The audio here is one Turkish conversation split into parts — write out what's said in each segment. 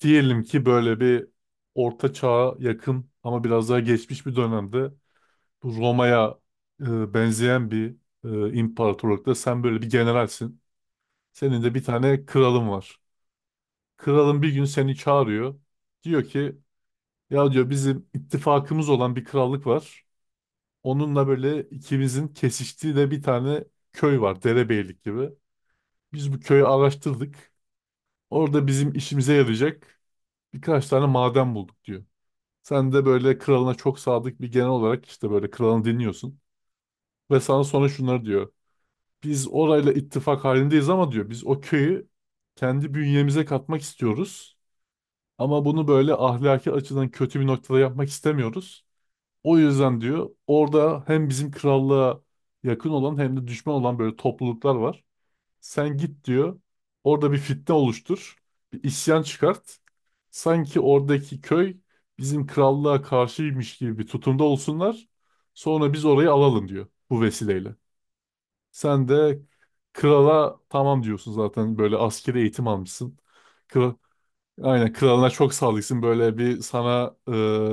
Diyelim ki böyle bir orta çağa yakın ama biraz daha geçmiş bir dönemde bu Roma'ya benzeyen bir imparatorlukta sen böyle bir generalsin. Senin de bir tane kralın var. Kralın bir gün seni çağırıyor. Diyor ki ya diyor bizim ittifakımız olan bir krallık var. Onunla böyle ikimizin kesiştiği de bir tane köy var. Derebeylik gibi. Biz bu köyü araştırdık. Orada bizim işimize yarayacak birkaç tane maden bulduk diyor. Sen de böyle kralına çok sadık bir genel olarak işte böyle kralını dinliyorsun. Ve sana sonra şunları diyor. Biz orayla ittifak halindeyiz ama diyor biz o köyü kendi bünyemize katmak istiyoruz. Ama bunu böyle ahlaki açıdan kötü bir noktada yapmak istemiyoruz. O yüzden diyor orada hem bizim krallığa yakın olan hem de düşman olan böyle topluluklar var. Sen git diyor. Orada bir fitne oluştur. Bir isyan çıkart. Sanki oradaki köy bizim krallığa karşıymış gibi bir tutumda olsunlar. Sonra biz orayı alalım diyor bu vesileyle. Sen de krala tamam diyorsun zaten böyle askeri eğitim almışsın. Kral, aynen kralına çok sadıksın böyle bir sana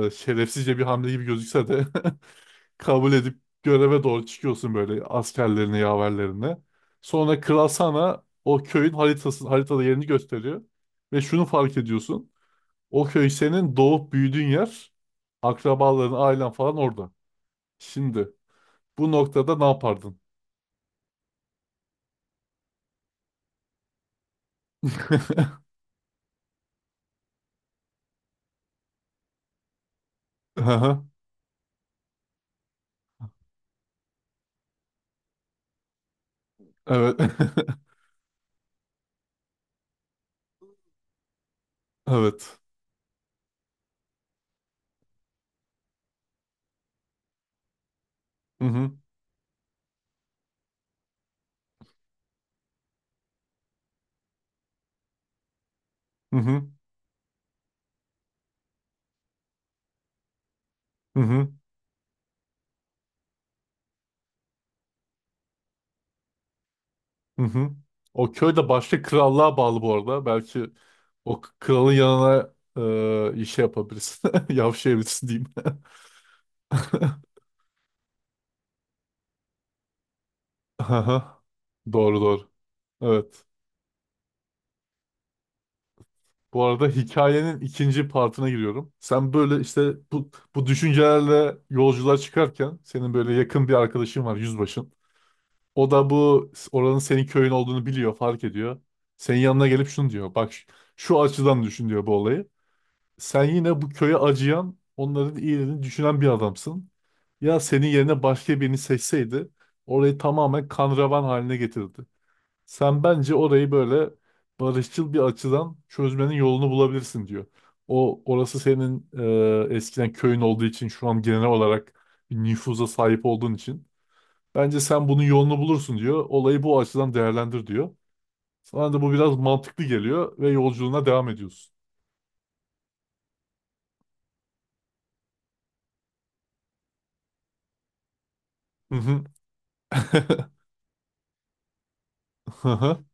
şerefsizce bir hamle gibi gözükse de kabul edip göreve doğru çıkıyorsun böyle askerlerine, yaverlerine. Sonra kral sana o köyün haritasını, haritada yerini gösteriyor. Ve şunu fark ediyorsun. O köy senin doğup büyüdüğün yer. Akrabaların, ailen falan orada. Şimdi bu noktada ne yapardın? Aha, evet. Evet. Hı hı. Hı hı. Hı hı. Hı hı. O köy de başka krallığa bağlı bu arada. Belki o kralın yanına şey yapabilirsin. Yavşayabilirsin diyeyim. Aha. Doğru doğru. Evet. Bu arada hikayenin ikinci partına giriyorum. Sen böyle işte bu düşüncelerle yolculuğa çıkarken senin böyle yakın bir arkadaşın var yüzbaşın. O da bu oranın senin köyün olduğunu biliyor, fark ediyor. Senin yanına gelip şunu diyor. Bak şu açıdan düşün diyor bu olayı. Sen yine bu köye acıyan, onların iyiliğini düşünen bir adamsın. Ya senin yerine başka birini seçseydi orayı tamamen kan revan haline getirdi. Sen bence orayı böyle barışçıl bir açıdan çözmenin yolunu bulabilirsin diyor. Orası senin eskiden köyün olduğu için şu an genel olarak bir nüfuza sahip olduğun için bence sen bunun yolunu bulursun diyor. Olayı bu açıdan değerlendir diyor. Sana da bu biraz mantıklı geliyor ve yolculuğuna devam ediyorsun. Hı hı. Hı hı.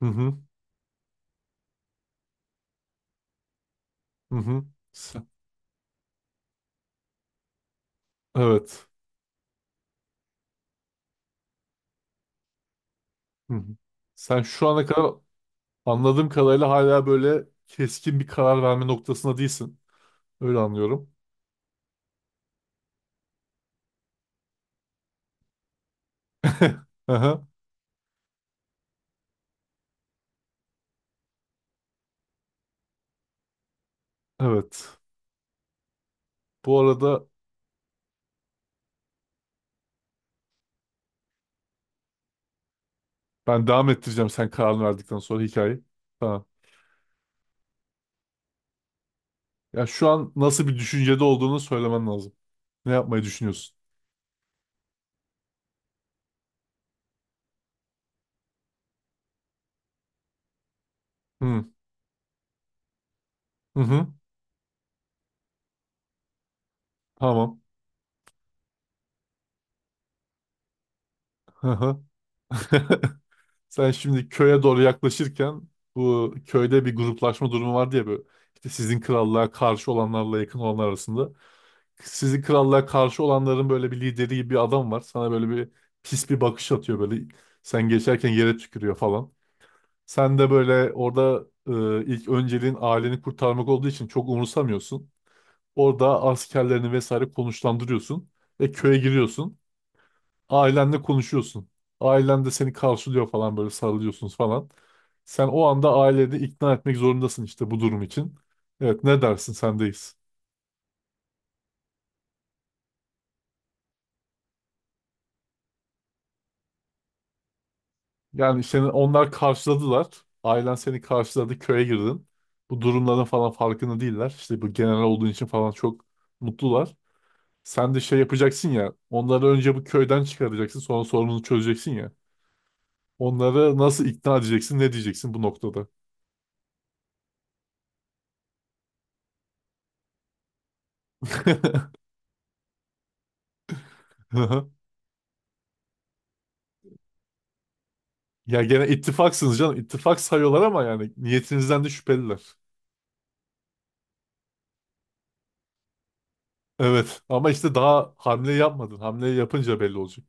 Hı hı. Hı hı. Sen- Evet. Hı hı. Sen şu ana kadar anladığım kadarıyla hala böyle keskin bir karar verme noktasında değilsin. Öyle anlıyorum. Aha, evet. Bu arada ben devam ettireceğim sen kararını verdikten sonra hikayeyi. Tamam. Ya şu an nasıl bir düşüncede olduğunu söylemen lazım. Ne yapmayı düşünüyorsun? Hı hı. hı. Tamam. Hı hı. Sen şimdi köye doğru yaklaşırken bu köyde bir gruplaşma durumu vardı ya böyle. İşte sizin krallığa karşı olanlarla yakın olanlar arasında. Sizin krallığa karşı olanların böyle bir lideri gibi bir adam var. Sana böyle bir pis bir bakış atıyor böyle. Sen geçerken yere tükürüyor falan. Sen de böyle orada ilk önceliğin aileni kurtarmak olduğu için çok umursamıyorsun. Orada askerlerini vesaire konuşlandırıyorsun ve köye giriyorsun. Ailenle konuşuyorsun. Ailen de seni karşılıyor falan böyle sarılıyorsunuz falan. Sen o anda aileni ikna etmek zorundasın işte bu durum için. Evet ne dersin sendeyiz. Yani seni onlar karşıladılar. Ailen seni karşıladı köye girdin. Bu durumların falan farkında değiller. İşte bu general olduğun için falan çok mutlular. Sen de şey yapacaksın ya. Onları önce bu köyden çıkaracaksın. Sonra sorununu çözeceksin ya. Onları nasıl ikna edeceksin? Ne diyeceksin bu noktada? Ya gene ittifaksınız canım. İttifak sayıyorlar ama yani niyetinizden de şüpheliler. Evet ama işte daha hamle yapmadın. Hamle yapınca belli olacak.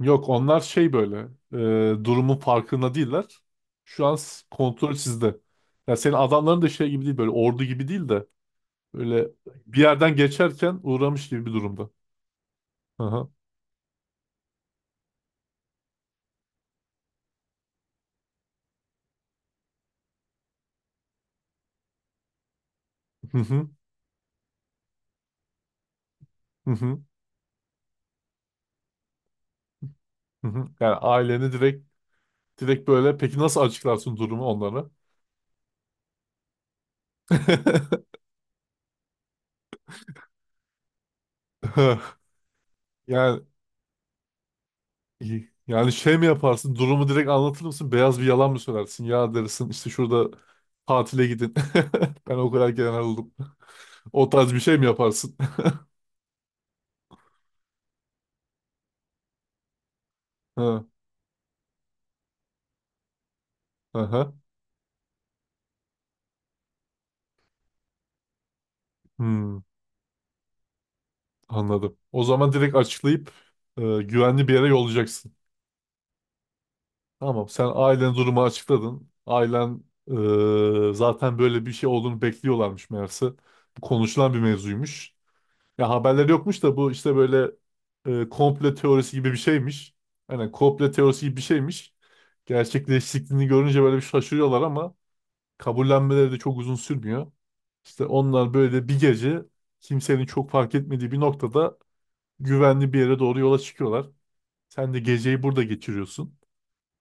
Yok onlar şey böyle durumun farkında değiller. Şu an kontrol sizde. Ya senin adamların da şey gibi değil böyle ordu gibi değil de böyle bir yerden geçerken uğramış gibi bir durumda. Aha. Hı hı, hı hı. Yani aileni direkt böyle peki nasıl açıklarsın durumu onlara? Yani yani şey mi yaparsın? Durumu direkt anlatır mısın? Beyaz bir yalan mı söylersin? Ya dersin işte şurada tatile gidin. Ben o kadar gelen aldım. O tarz bir şey mi yaparsın? Ha, aha. Hmm, anladım. O zaman direkt açıklayıp güvenli bir yere yollayacaksın. Tamam sen ailen durumu açıkladın. Ailen zaten böyle bir şey olduğunu bekliyorlarmış meğerse. Bu konuşulan bir mevzuymuş. Ya haberleri yokmuş da bu işte böyle komple teorisi gibi bir şeymiş. Hani komple teorisi gibi bir şeymiş. Gerçekleştiğini görünce böyle bir şaşırıyorlar ama kabullenmeleri de çok uzun sürmüyor. İşte onlar böyle bir gece kimsenin çok fark etmediği bir noktada güvenli bir yere doğru yola çıkıyorlar. Sen de geceyi burada geçiriyorsun.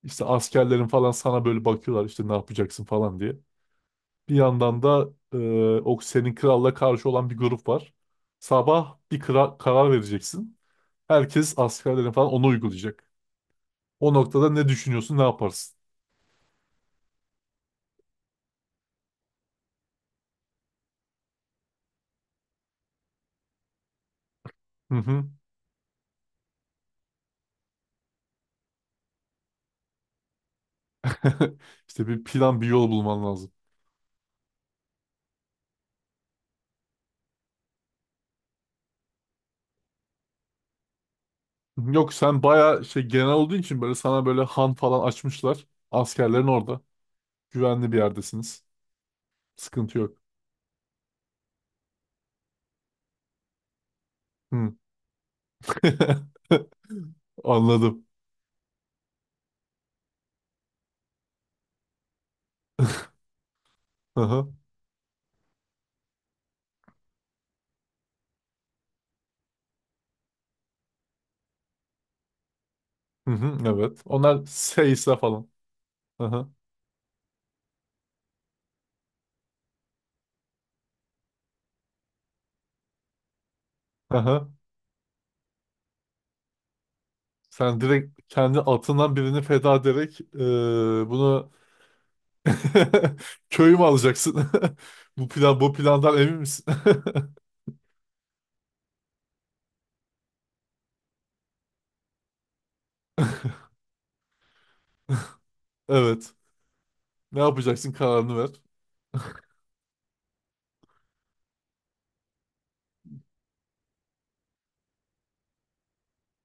İşte askerlerin falan sana böyle bakıyorlar işte ne yapacaksın falan diye. Bir yandan da o senin kralla karşı olan bir grup var. Sabah bir karar vereceksin. Herkes askerlerin falan onu uygulayacak. O noktada ne düşünüyorsun, ne yaparsın? Hı hı. İşte bir plan, bir yol bulman lazım. Yok sen bayağı şey genel olduğu için böyle sana böyle han falan açmışlar. Askerlerin orada. Güvenli bir yerdesiniz. Sıkıntı yok. Hı. Anladım. Hı hı. Hı hı, evet. Onlar seyse falan. Hı hı, hı hı. Sen direkt kendi atından birini feda ederek bunu köyü mü alacaksın? Bu plandan emin misin? Evet. Ne yapacaksın kararını ver.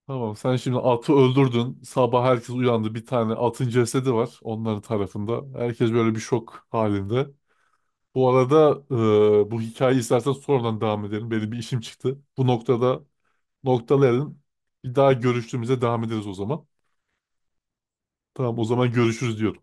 Tamam sen şimdi atı öldürdün. Sabah herkes uyandı. Bir tane atın cesedi var onların tarafında. Herkes böyle bir şok halinde. Bu arada bu hikayeyi istersen sonradan devam edelim. Benim bir işim çıktı. Bu noktada noktalayalım. Bir daha görüştüğümüzde devam ederiz o zaman. Tamam o zaman görüşürüz diyorum.